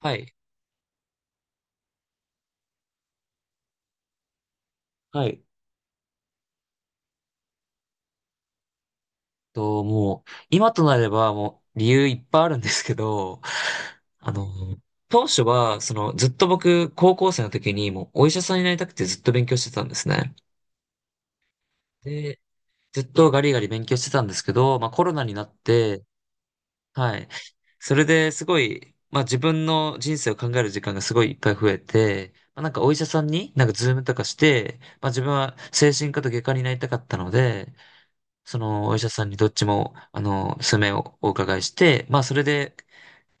はい。はい。と、もう、今となれば、理由いっぱいあるんですけど、あの、当初は、ずっと僕、高校生の時に、お医者さんになりたくてずっと勉強してたんですね。で、ずっとガリガリ勉強してたんですけど、まあ、コロナになって、はい。それですごい、まあ、自分の人生を考える時間がすごいいっぱい増えて、まあ、なんかお医者さんになんかズームとかして、まあ、自分は精神科と外科になりたかったので、そのお医者さんにどっちも、数名をお伺いして、まあそれで、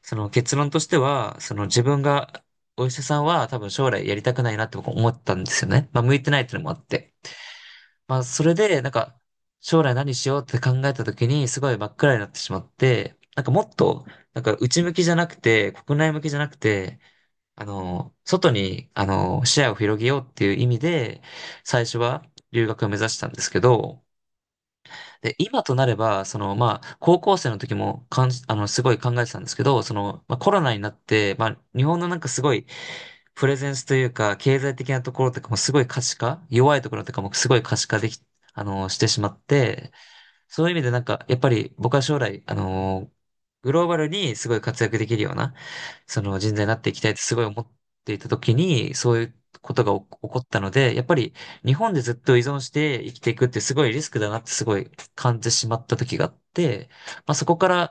その結論としては、自分が、お医者さんは多分将来やりたくないなって僕思ったんですよね。まあ向いてないっていうのもあって。まあそれで、将来何しようって考えた時にすごい真っ暗になってしまって、なんかもっと、なんか内向きじゃなくて、国内向きじゃなくて、外に、視野を広げようっていう意味で、最初は留学を目指したんですけど、で、今となれば、まあ、高校生の時もかん、あの、すごい考えてたんですけど、まあ、コロナになって、まあ、日本のなんかすごい、プレゼンスというか、経済的なところとかもすごい可視化、弱いところとかもすごい可視化でき、してしまって、そういう意味でなんか、やっぱり僕は将来、グローバルにすごい活躍できるような、その人材になっていきたいってすごい思っていた時に、そういうことが起こったので、やっぱり日本でずっと依存して生きていくってすごいリスクだなってすごい感じてしまった時があって、まあそこから、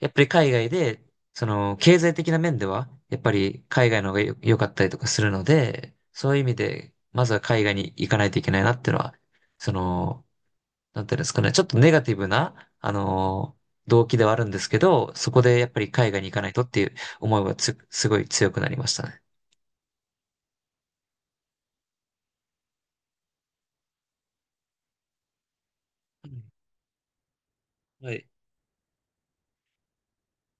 やっぱり海外で、その経済的な面では、やっぱり海外の方が良かったりとかするので、そういう意味で、まずは海外に行かないといけないなっていうのは、その、なんていうんですかね、ちょっとネガティブな、動機ではあるんですけど、そこでやっぱり海外に行かないとっていう思いはつ、すごい強くなりましたね。うん。はい。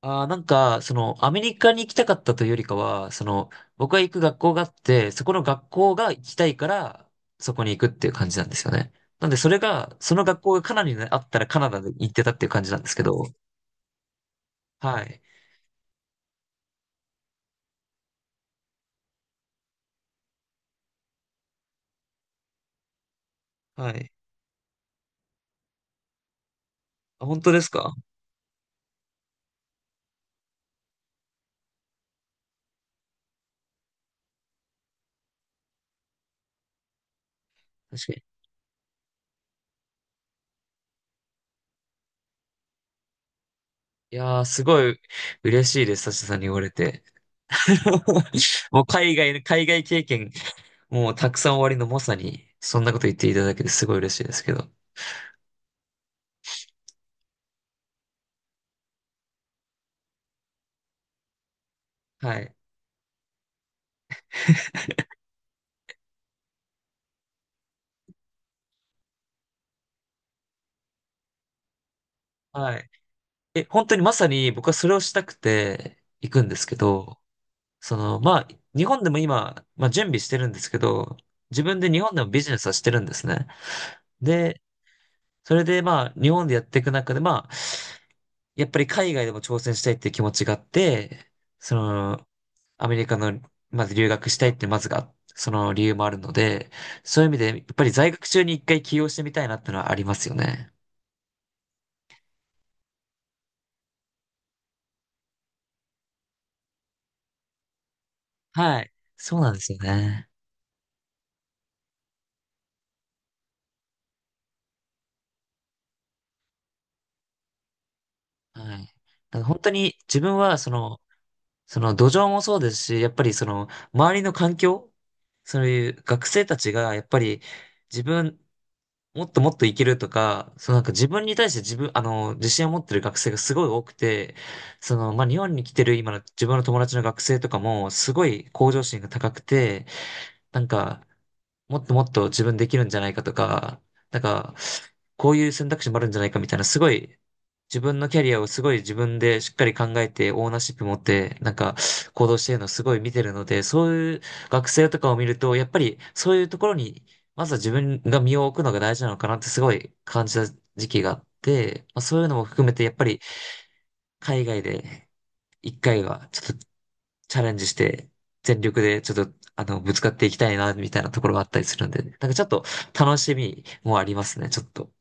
ああ、なんか、アメリカに行きたかったというよりかは、僕が行く学校があって、そこの学校が行きたいから、そこに行くっていう感じなんですよね。なんで、それが、その学校がカナダにあったらカナダで行ってたっていう感じなんですけど、はい。はい。あ、本当ですか？確かに。いやー、すごい嬉しいです、サシさんに言われて。もう海外の、海外経験、もうたくさん終わりのまさに、そんなこと言っていただけてすごい嬉しいですけど。はい。はい。え、本当にまさに僕はそれをしたくて行くんですけど、その、まあ、日本でも今、まあ準備してるんですけど、自分で日本でもビジネスはしてるんですね。で、それでまあ、日本でやっていく中で、まあ、やっぱり海外でも挑戦したいっていう気持ちがあって、その、アメリカの、まず留学したいってまずが、その理由もあるので、そういう意味で、やっぱり在学中に一回起業してみたいなってのはありますよね。はい。そうなんですよね。はい。だから本当に自分は、その土壌もそうですし、やっぱりその、周りの環境、そういう学生たちが、やっぱり自分もっともっといけるとか、そのなんか自分に対して自分、あの、自信を持ってる学生がすごい多くて、まあ、日本に来てる今の自分の友達の学生とかも、すごい向上心が高くて、なんか、もっともっと自分できるんじゃないかとか、なんか、こういう選択肢もあるんじゃないかみたいな、すごい、自分のキャリアをすごい自分でしっかり考えて、オーナーシップ持って、行動してるのをすごい見てるので、そういう学生とかを見ると、やっぱりそういうところに、まずは自分が身を置くのが大事なのかなってすごい感じた時期があって、まあ、そういうのも含めて、やっぱり海外で一回はちょっとチャレンジして、全力でちょっと、ぶつかっていきたいな、みたいなところがあったりするんで、なんかちょっと楽しみもありますね、ちょっと。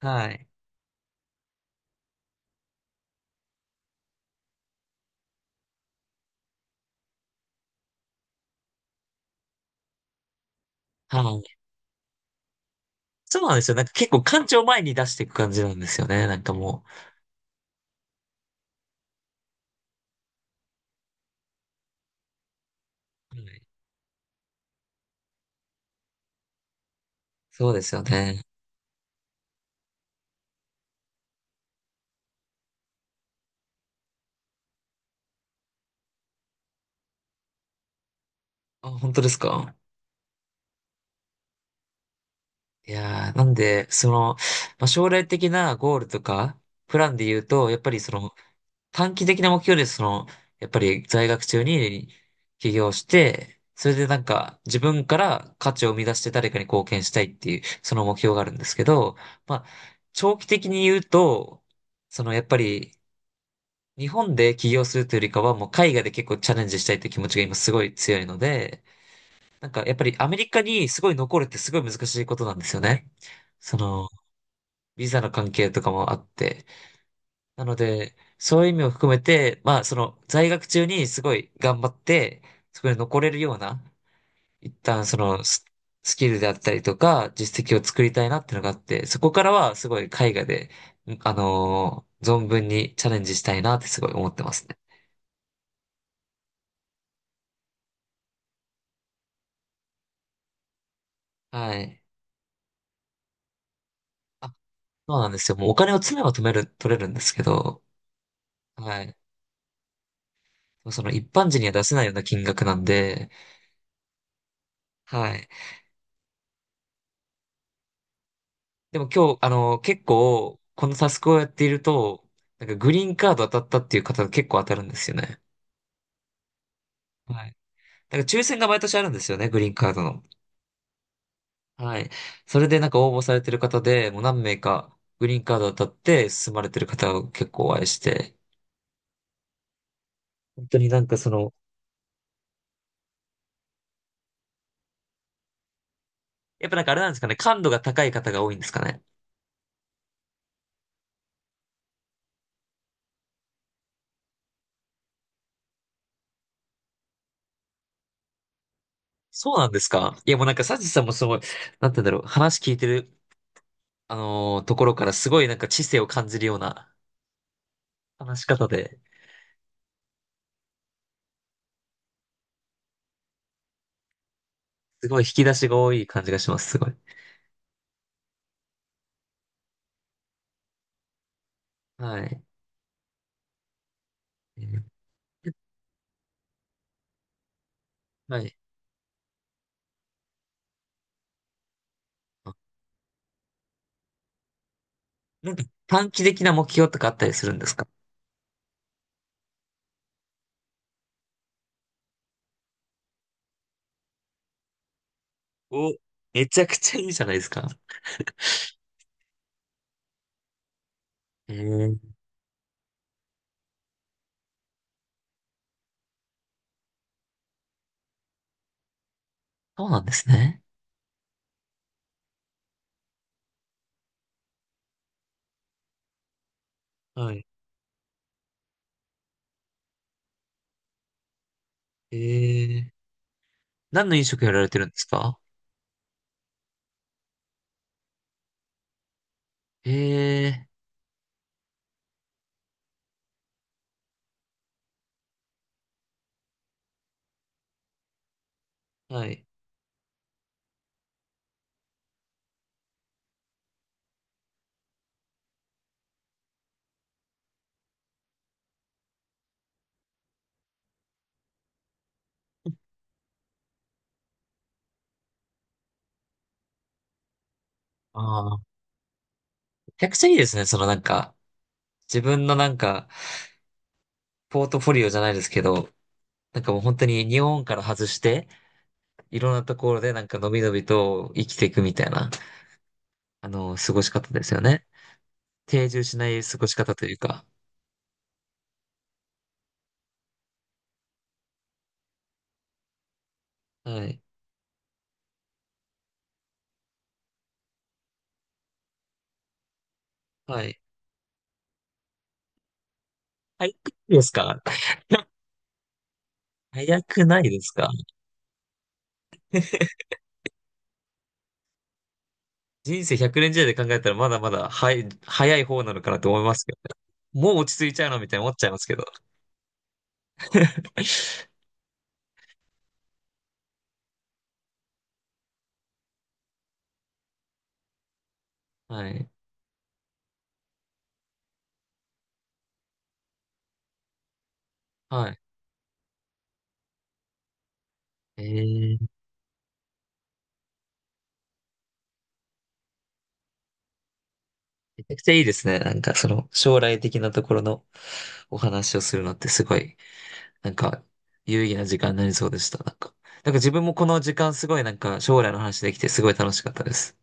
はい。はい。そうなんですよ。なんか結構感情を前に出していく感じなんですよね、なんかもう。はい、そうですよね。あ、本当ですか？いやー、なんで、将来的なゴールとか、プランで言うと、やっぱりその、短期的な目標です。やっぱり在学中に起業して、それでなんか自分から価値を生み出して誰かに貢献したいっていう、その目標があるんですけど、まあ、長期的に言うと、そのやっぱり日本で起業するというよりかはもう海外で結構チャレンジしたいという気持ちが今すごい強いので、なんかやっぱりアメリカにすごい残るってすごい難しいことなんですよね。その、ビザの関係とかもあって。なので、そういう意味を含めて、まあ、在学中にすごい頑張って、そこに残れるような、一旦そのスキルであったりとか、実績を作りたいなっていうのがあって、そこからはすごい絵画で、存分にチャレンジしたいなってすごい思ってますね。はい。あ、そうなんですよ。もうお金を積めば止める、取れるんですけど、はい。その一般人には出せないような金額なんで、はい。でも今日、結構、このタスクをやっていると、なんかグリーンカード当たったっていう方が結構当たるんですよね。はい。なんか抽選が毎年あるんですよね、グリーンカードの。はい。それでなんか応募されてる方で、もう何名かグリーンカード当たって進まれてる方を結構お会いして、本当になんかその、やっぱなんかあれなんですかね、感度が高い方が多いんですかね。そうなんですか？いやもうなんかサチさんもすごい、なんて言うんだろう、話聞いてる、ところからすごいなんか知性を感じるような話し方で。すごい引き出しが多い感じがします、すごい。はい。えー。はい。あ、なんか短期的な目標とかあったりするんですか？お、めちゃくちゃいいじゃないですか。えー、そうなんですね。はい。えー、何の飲食やられてるんですか？えー、はい。ああ、めちゃくちゃいいですね。そのなんか、自分のなんか、ポートフォリオじゃないですけど、なんかもう本当に日本から外して、いろんなところでなんかのびのびと生きていくみたいな、過ごし方ですよね。定住しない過ごし方というか。はい。はい。早くないですか？ 早くないですか？人生100年時代で考えたらまだまだ、はい、早い方なのかなと思いますけどね。もう落ち着いちゃうのみたいに思っちゃいますけど。はい。はい。えー、めちゃくちゃいいですね。なんかその将来的なところのお話をするのってすごい、なんか有意義な時間になりそうでした。なんか自分もこの時間すごいなんか将来の話できてすごい楽しかったです。